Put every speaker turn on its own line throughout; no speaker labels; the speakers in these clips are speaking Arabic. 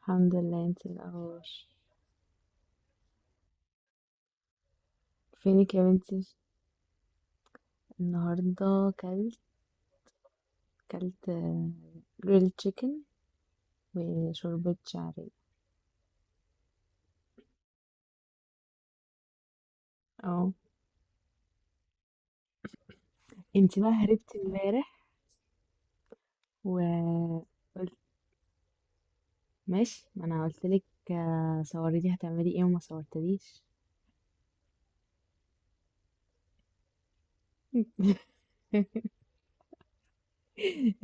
الحمد لله، انت ايه الاخبار؟ فينك يا بنتي؟ النهارده كلت جريل تشيكن وشوربة شعرية. اه. انت بقى هربتي امبارح وقلت ماشي، ما انا قلت لك صوري لي هتعملي ايه وما صورتليش.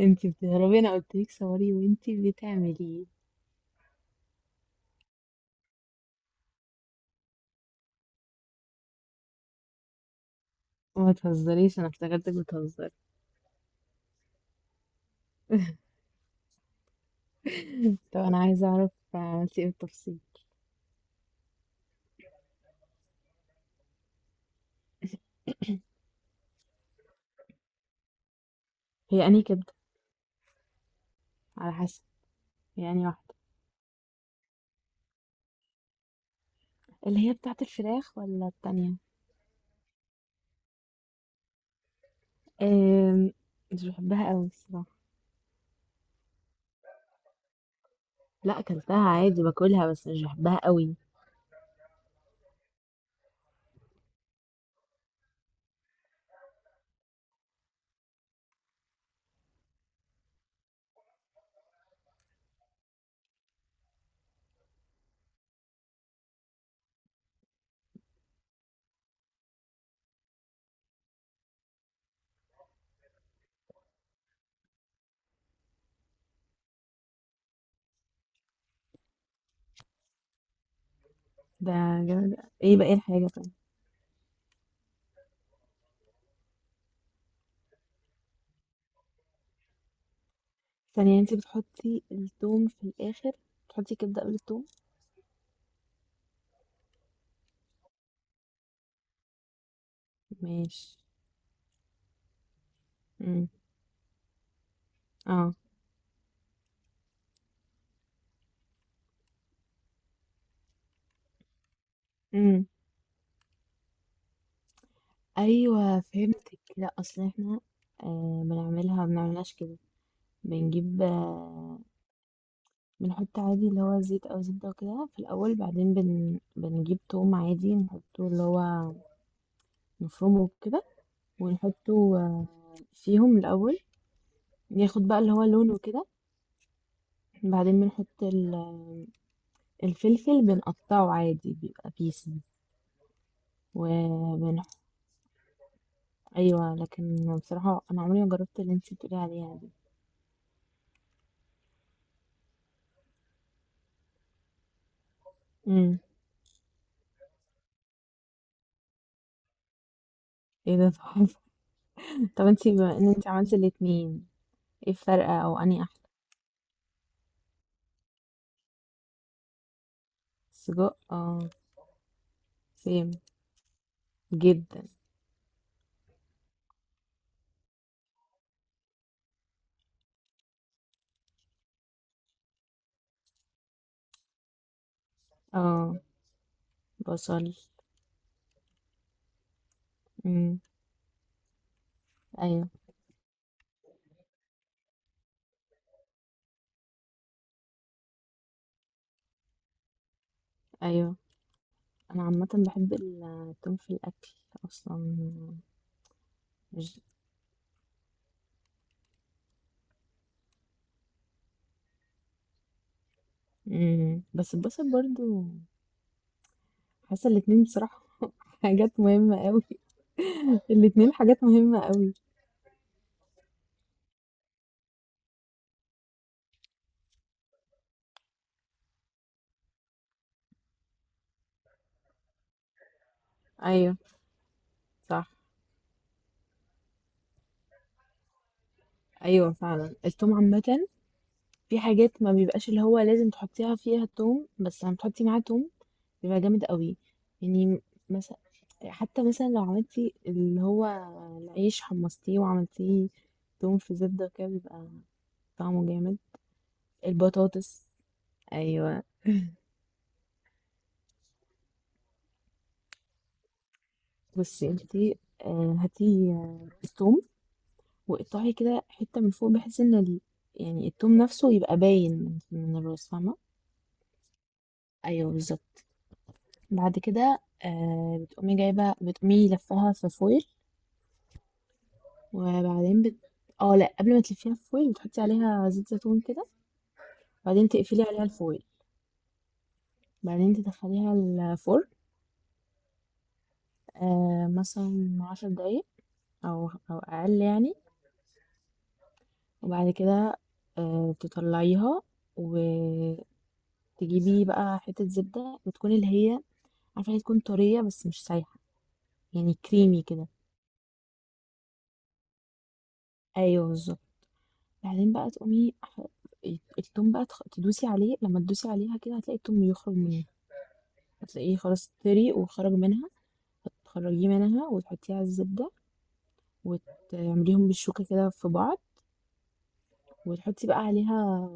انت بتهربي، انا قلت لك صوري وانت بتعملي ايه؟ ما تهزريش، انا افتكرتك بتهزري. طب انا عايزه اعرف عملتي ايه بالتفصيل. هي انهي كبده؟ على حسب، يعني واحده. اللي هي بتاعت الفراخ ولا التانية؟ أم، مش بحبها قوي الصراحة. لا، اكلتها عادي باكلها بس مش بحبها قوي. ده جامد. ايه بقى الحاجة طيب؟ ثانية، انتي بتحطي التوم في الآخر؟ بتحطي كبدة قبل التوم؟ ماشي. امم. اه. امم. ايوه، فهمتك. لا، اصل احنا بنعملها ما بنعملهاش كده. بنجيب آه بنحط عادي اللي هو زيت او زبده وكده في الاول، بعدين بنجيب توم عادي نحطه اللي هو مفروم وكده. ونحطه فيهم الأول. ياخد بقى اللي هو لونه كده. بعدين بنحط الفلفل، بنقطعه عادي بيبقى بيسز وبن أيوة، لكن بصراحة أنا عمري ما جربت اللي انتي بتقولي عليها دي. امم. ايه ده تحفة! طب انتي بما ان انتي عملتي الاتنين، ايه الفرق أو أنهي أحلى؟ سجق، اه. سيم جدا. اه. بصل. امم. أيوة، أيوة. أنا عامة بحب التوم في الأكل أصلا. امم. بس البصل برضو، حاسه الاتنين بصراحه. حاجات مهمه قوي. الاتنين حاجات مهمه قوي. ايوه. صح. ايوه، فعلا التوم عامه، في حاجات ما بيبقاش اللي هو لازم تحطيها فيها التوم، بس لما تحطي معاه توم بيبقى جامد قوي، يعني مثلا، حتى مثلا لو عملتي اللي هو العيش حمصتيه وعملتيه توم في زبده كده، بيبقى طعمه جامد. البطاطس. ايوه. بصي انتي، هاتي التوم، واقطعي كده حتة من فوق، يعني التوم نفسه يبقى باين من الراس فاهمة؟ ايوه، بالظبط. بعد كده، بتقومي لفاها في فويل. وبعدين بت... اه لا، قبل ما تلفيها في فويل بتحطي عليها زيت زيتون كده. بعدين تقفلي عليها الفويل، بعدين تدخليها الفرن، مثلا 10 دقايق، او اقل يعني. وبعد كده، تطلعيها، وتجيبي بقى حتة زبدة بتكون اللي هي، عارفة، هي تكون طرية بس مش سايحة، يعني كريمي كده. ايوه، بالظبط. بعدين بقى التوم بقى تدوسي عليه، لما تدوسي عليها كده هتلاقي التوم يخرج منه. هتلاقيه خلاص طري وخرج منها، هتخرجيه منها وتحطيه على الزبدة، وتعمليهم بالشوكة كده في بعض، وتحطي بقى عليها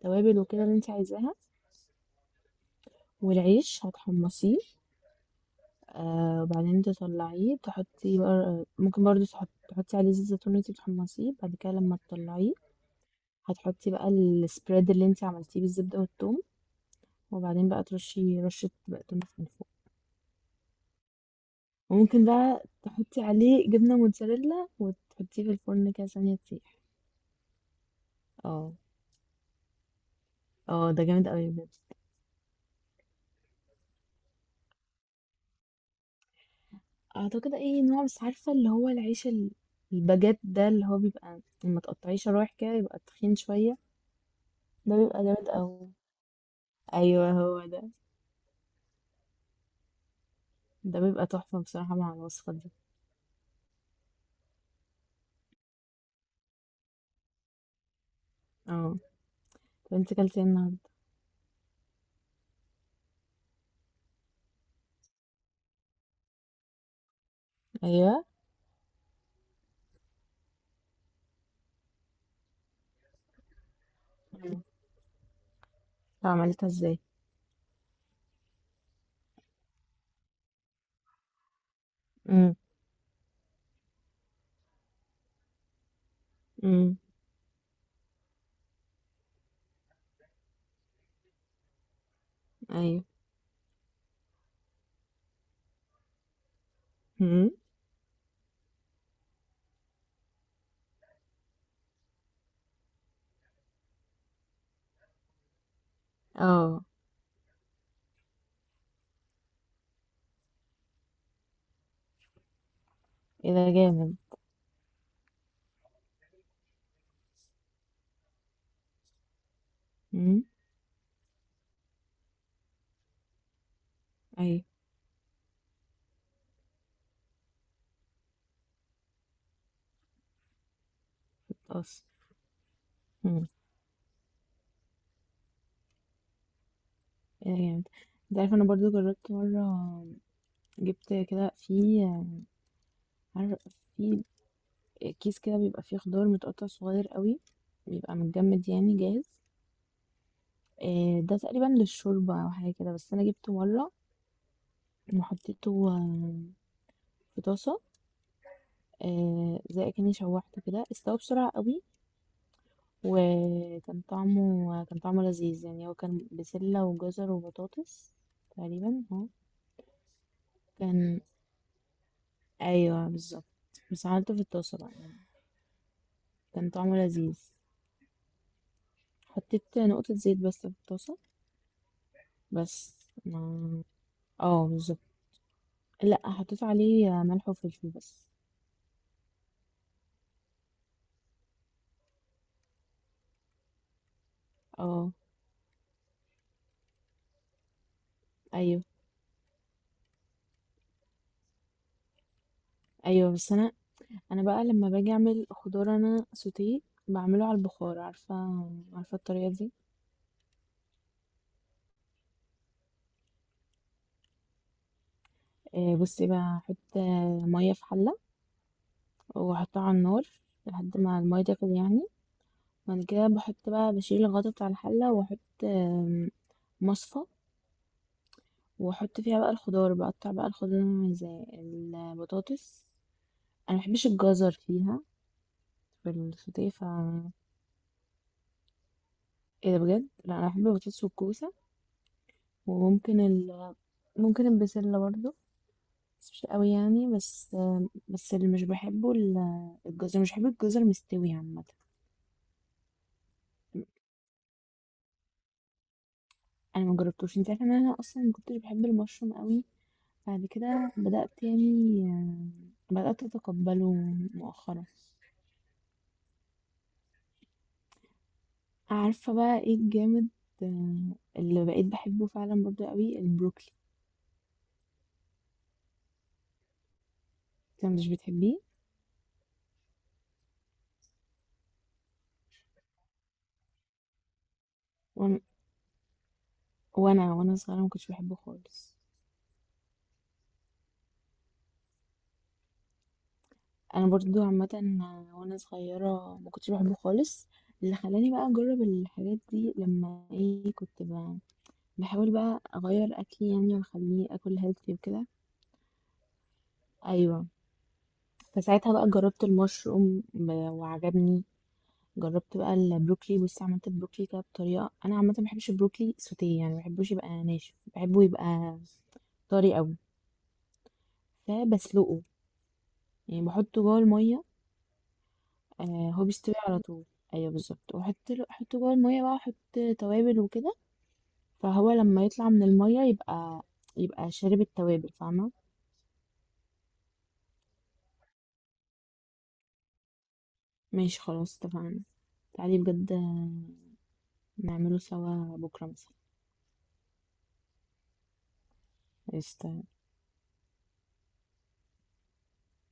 توابل وكده اللي انت عايزاها. والعيش هتحمصيه، وبعدين تطلعيه، تحطي بقى، ممكن برضو تحطي عليه زيت زيتون، اللي انت بتحمصيه بعد كده لما تطلعيه. هتحطي بقى السبريد اللي انت عملتيه بالزبدة والثوم، وبعدين بقى ترشي رشة بقدونس من فوق. وممكن بقى تحطي عليه جبنة موتزاريلا وتحطيه في الفرن كده ثانية تسيح. اه. اه، ده جامد قوي بجد. اعتقد اي نوع، بس عارفة اللي هو العيش الباجيت ده، اللي هو بيبقى لما تقطعيه شرايح كده يبقى تخين شوية. ده بيبقى جامد قوي. ايوه، هو ده. ده بيبقى تحفة بصراحة مع الوصفة دي. اه. طب انت كلتي إيه النهاردة؟ ايوه. مم. طب عملتها ازاي؟ امم. امم. ايوه. امم. اه. ايه ده جامد! امم. ايوه، خلاص. امم. يا جامد. انت عارف انا برضو جربت مرة، جبت كده في، عارف، في كيس كده بيبقى فيه خضار متقطع صغير قوي، بيبقى متجمد يعني جاهز. ده تقريبا للشوربة او حاجة كده، بس انا جبته مرة، وحطيته في طاسة. زي كأني شوحته كده، استوى بسرعة قوي، وكان طعمه كان طعمه لذيذ، يعني هو كان بسلة وجزر وبطاطس تقريبا. اه. كان ايوه، بالظبط. بس عملته في الطاسه بقى يعني، كان طعمه لذيذ. حطيت نقطه زيت بس في الطاسه بس ما اه، بالظبط. لا، حطيت عليه ملح وفلفل بس. اه. ايوه، ايوه. بس انا بقى، لما باجي اعمل خضار انا سوتيه، بعمله على البخار. عارفه الطريقه دي؟ بصي بقى احط ميه في حله، واحطها على النار لحد ما الميه تغلي يعني. بعد كده بحط بقى بشيل الغطا بتاع الحله، واحط آم، مصفى، واحط فيها بقى الخضار، بقطع بقى الخضار زي البطاطس. انا مبحبش الجزر فيها. في الفطير ف ايه ده بجد؟ لا، انا بحب البطاطس والكوسه. وممكن ال... ممكن البسله برضه، بس مش قوي يعني، بس بس اللي مش بحبه الجزر، مش بحب الجزر مستوي عامه. انا ما جربتوش. انت عارفه ان انا اصلا ما كنتش بحب المشروم قوي، بعد كده بدات اتقبله مؤخرا. عارفة بقى ايه الجامد؟ آه، اللي بقيت بحبه فعلا برضه قوي البروكلي. انت مش بتحبيه؟ وانا وانا وأنا صغيرة ما كنتش بحبه خالص. انا برضه عامة، وانا صغيرة ما كنتش بحبه خالص. اللي خلاني بقى اجرب الحاجات دي لما، ايه، كنت بقى بحاول بقى اغير اكلي يعني، واخليه اكل هيلثي وكده. ايوه. فساعتها بقى جربت المشروم وعجبني. جربت بقى البروكلي. بص، عملت البروكلي كده بطريقه. انا عامه ما بحبش البروكلي سوتيه يعني، ما بحبوش يبقى ناشف، بحبه يبقى طري قوي. فبسلقه، يعني بحطه جوه الميه. آه، هو بيستوي على طول. ايوه، بالظبط. واحط له احطه جوه الميه بقى، احط توابل وكده. فهو لما يطلع من الميه يبقى شارب التوابل فاهمه؟ ماشي، خلاص اتفقنا. تعالي بجد، نعمله سوا بكره مثلا. قشطة.